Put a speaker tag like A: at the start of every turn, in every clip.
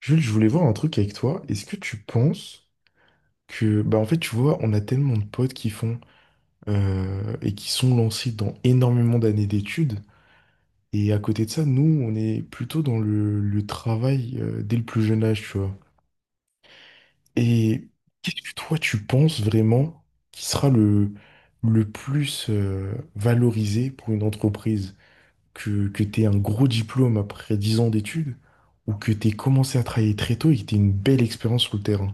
A: Jules, je voulais voir un truc avec toi. Est-ce que tu penses que, bah en fait, tu vois, on a tellement de potes qui font et qui sont lancés dans énormément d'années d'études. Et à côté de ça, nous, on est plutôt dans le travail dès le plus jeune âge, tu vois. Et qu'est-ce que toi, tu penses vraiment qui sera le plus valorisé pour une entreprise? Que tu aies un gros diplôme après 10 ans d'études ou que tu aies commencé à travailler très tôt et que tu aies une belle expérience sur le terrain?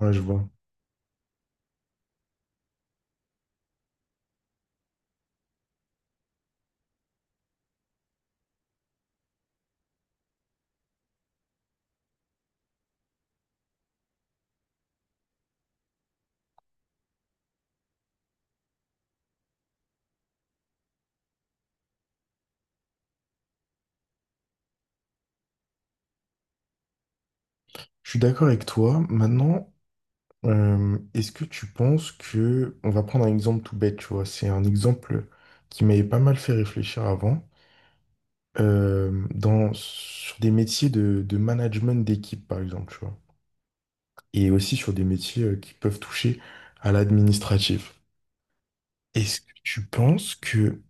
A: Ouais, je vois. Je suis d'accord avec toi. Maintenant, est-ce que tu penses que... On va prendre un exemple tout bête, tu vois. C'est un exemple qui m'avait pas mal fait réfléchir avant. Dans, sur des métiers de management d'équipe, par exemple, tu vois. Et aussi sur des métiers qui peuvent toucher à l'administratif. Est-ce que tu penses que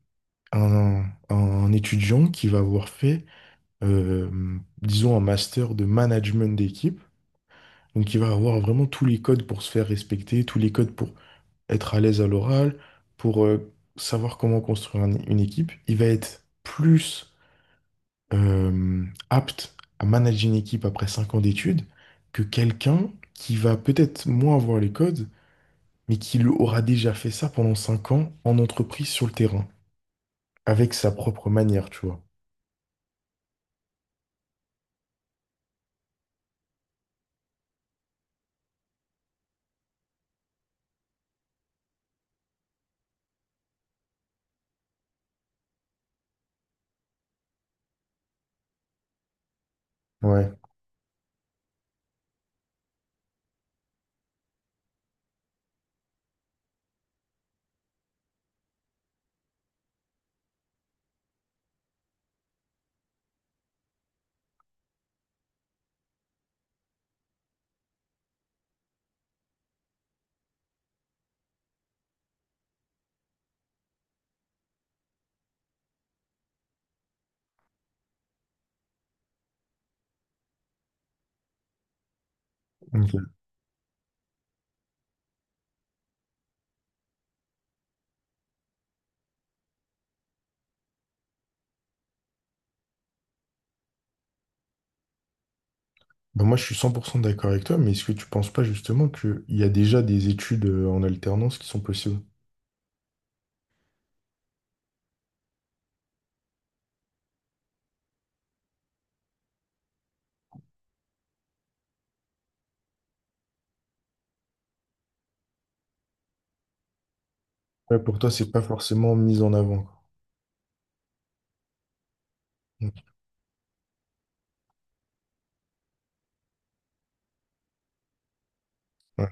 A: un, un étudiant qui va avoir fait, euh, disons, un master de management d'équipe, donc il va avoir vraiment tous les codes pour se faire respecter, tous les codes pour être à l'aise à l'oral, pour savoir comment construire une équipe. Il va être plus euh, apte à manager une équipe après 5 ans d'études que quelqu'un qui va peut-être moins avoir les codes, mais qui lui aura déjà fait ça pendant 5 ans en entreprise sur le terrain, avec sa propre manière, tu vois. Ouais. Ok. Ben moi, je suis 100% d'accord avec toi, mais est-ce que tu penses pas justement qu'il y a déjà des études en alternance qui sont possibles? Ouais, pour toi, c'est pas forcément mis en avant. Quoi. Ok. Ouais.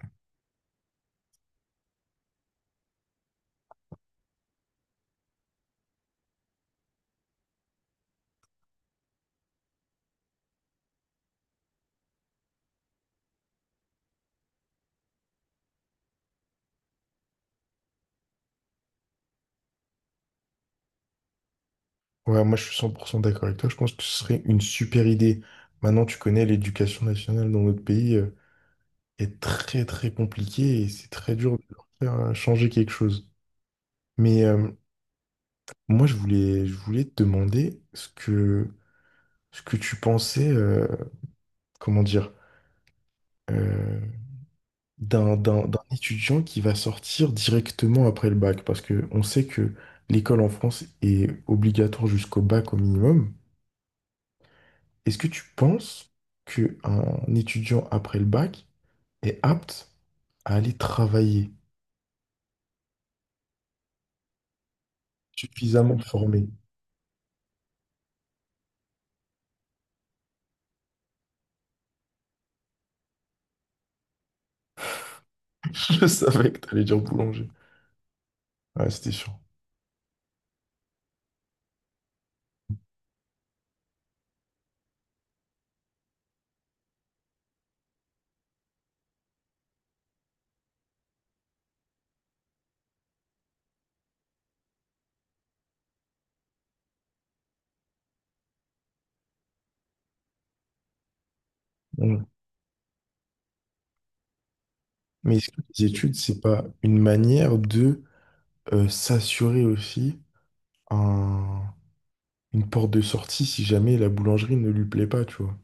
A: Ouais, moi, je suis 100% d'accord avec toi. Je pense que ce serait une super idée. Maintenant, tu connais l'éducation nationale dans notre pays est très, très compliquée et c'est très dur de leur faire changer quelque chose. Mais moi, je voulais te demander ce que tu pensais, comment dire, euh, d'un étudiant qui va sortir directement après le bac. Parce que on sait que l'école en France est obligatoire jusqu'au bac au minimum. Est-ce que tu penses qu'un étudiant après le bac est apte à aller travailler, suffisamment formé? Je savais que t'allais dire boulanger. Ouais, c'était sûr. Mm. Mais est-ce que les études, c'est pas une manière de s'assurer aussi un- une porte de sortie si jamais la boulangerie ne lui plaît pas, tu vois?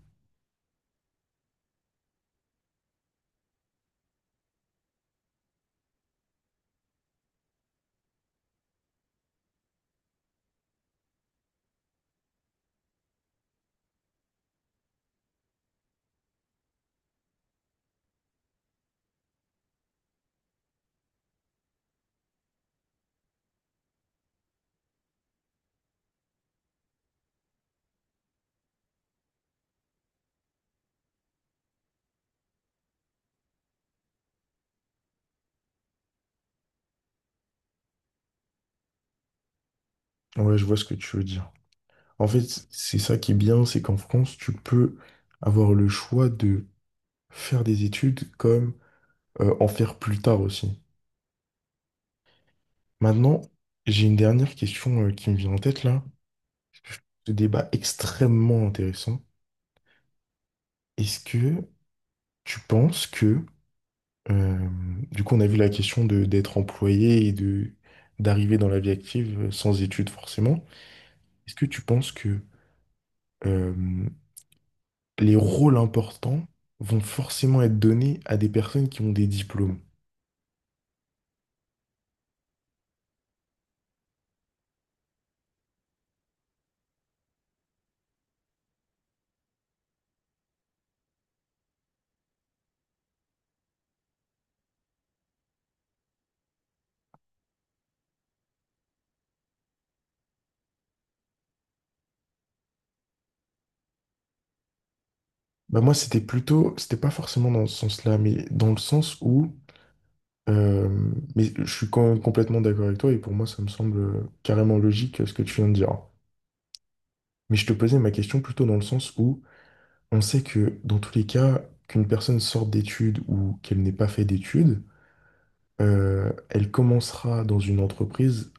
A: Ouais, je vois ce que tu veux dire. En fait, c'est ça qui est bien, c'est qu'en France, tu peux avoir le choix de faire des études comme en faire plus tard aussi. Maintenant, j'ai une dernière question qui me vient en tête là. Ce débat extrêmement intéressant. Est-ce que tu penses que, euh, du coup, on a vu la question de d'être employé et de d'arriver dans la vie active sans études forcément. Est-ce que tu penses que euh, les rôles importants vont forcément être donnés à des personnes qui ont des diplômes? Bah moi, c'était pas forcément dans ce sens-là, mais dans le sens où Euh, mais je suis complètement d'accord avec toi et pour moi, ça me semble carrément logique ce que tu viens de dire. Mais je te posais ma question plutôt dans le sens où on sait que dans tous les cas, qu'une personne sorte d'études ou qu'elle n'ait pas fait d'études, elle commencera dans une entreprise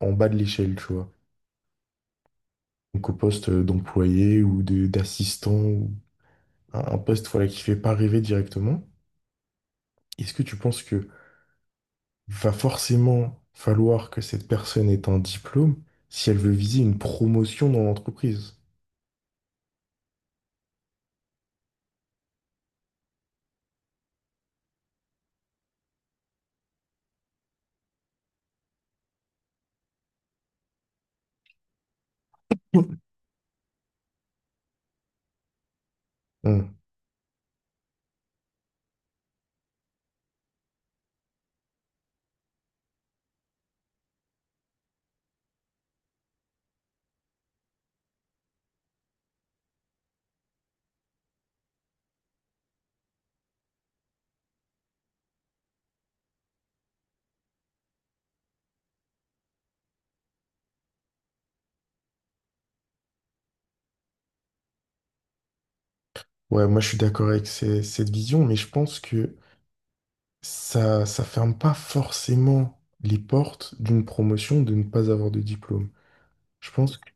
A: en bas de l'échelle, tu vois. Donc au poste d'employé ou d'assistant, ou un poste voilà, qui fait pas rêver directement. Est-ce que tu penses que va forcément falloir que cette personne ait un diplôme si elle veut viser une promotion dans l'entreprise. Bon. Ouais, moi je suis d'accord avec cette vision, mais je pense que ça ferme pas forcément les portes d'une promotion de ne pas avoir de diplôme. Je pense que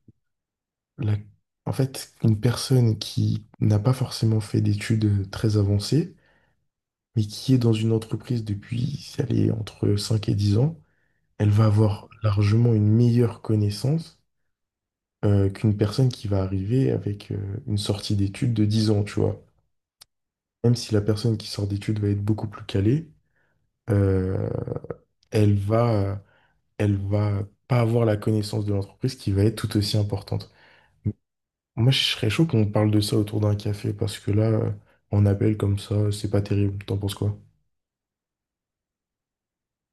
A: la- en fait, une personne qui n'a pas forcément fait d'études très avancées, mais qui est dans une entreprise depuis, si elle est entre 5 et 10 ans, elle va avoir largement une meilleure connaissance qu'une personne qui va arriver avec une sortie d'études de 10 ans, tu vois. Même si la personne qui sort d'études va être beaucoup plus calée, euh, elle va, elle va pas avoir la connaissance de l'entreprise qui va être tout aussi importante. Moi, je serais chaud qu'on parle de ça autour d'un café parce que là, on appelle comme ça, c'est pas terrible. T'en penses quoi?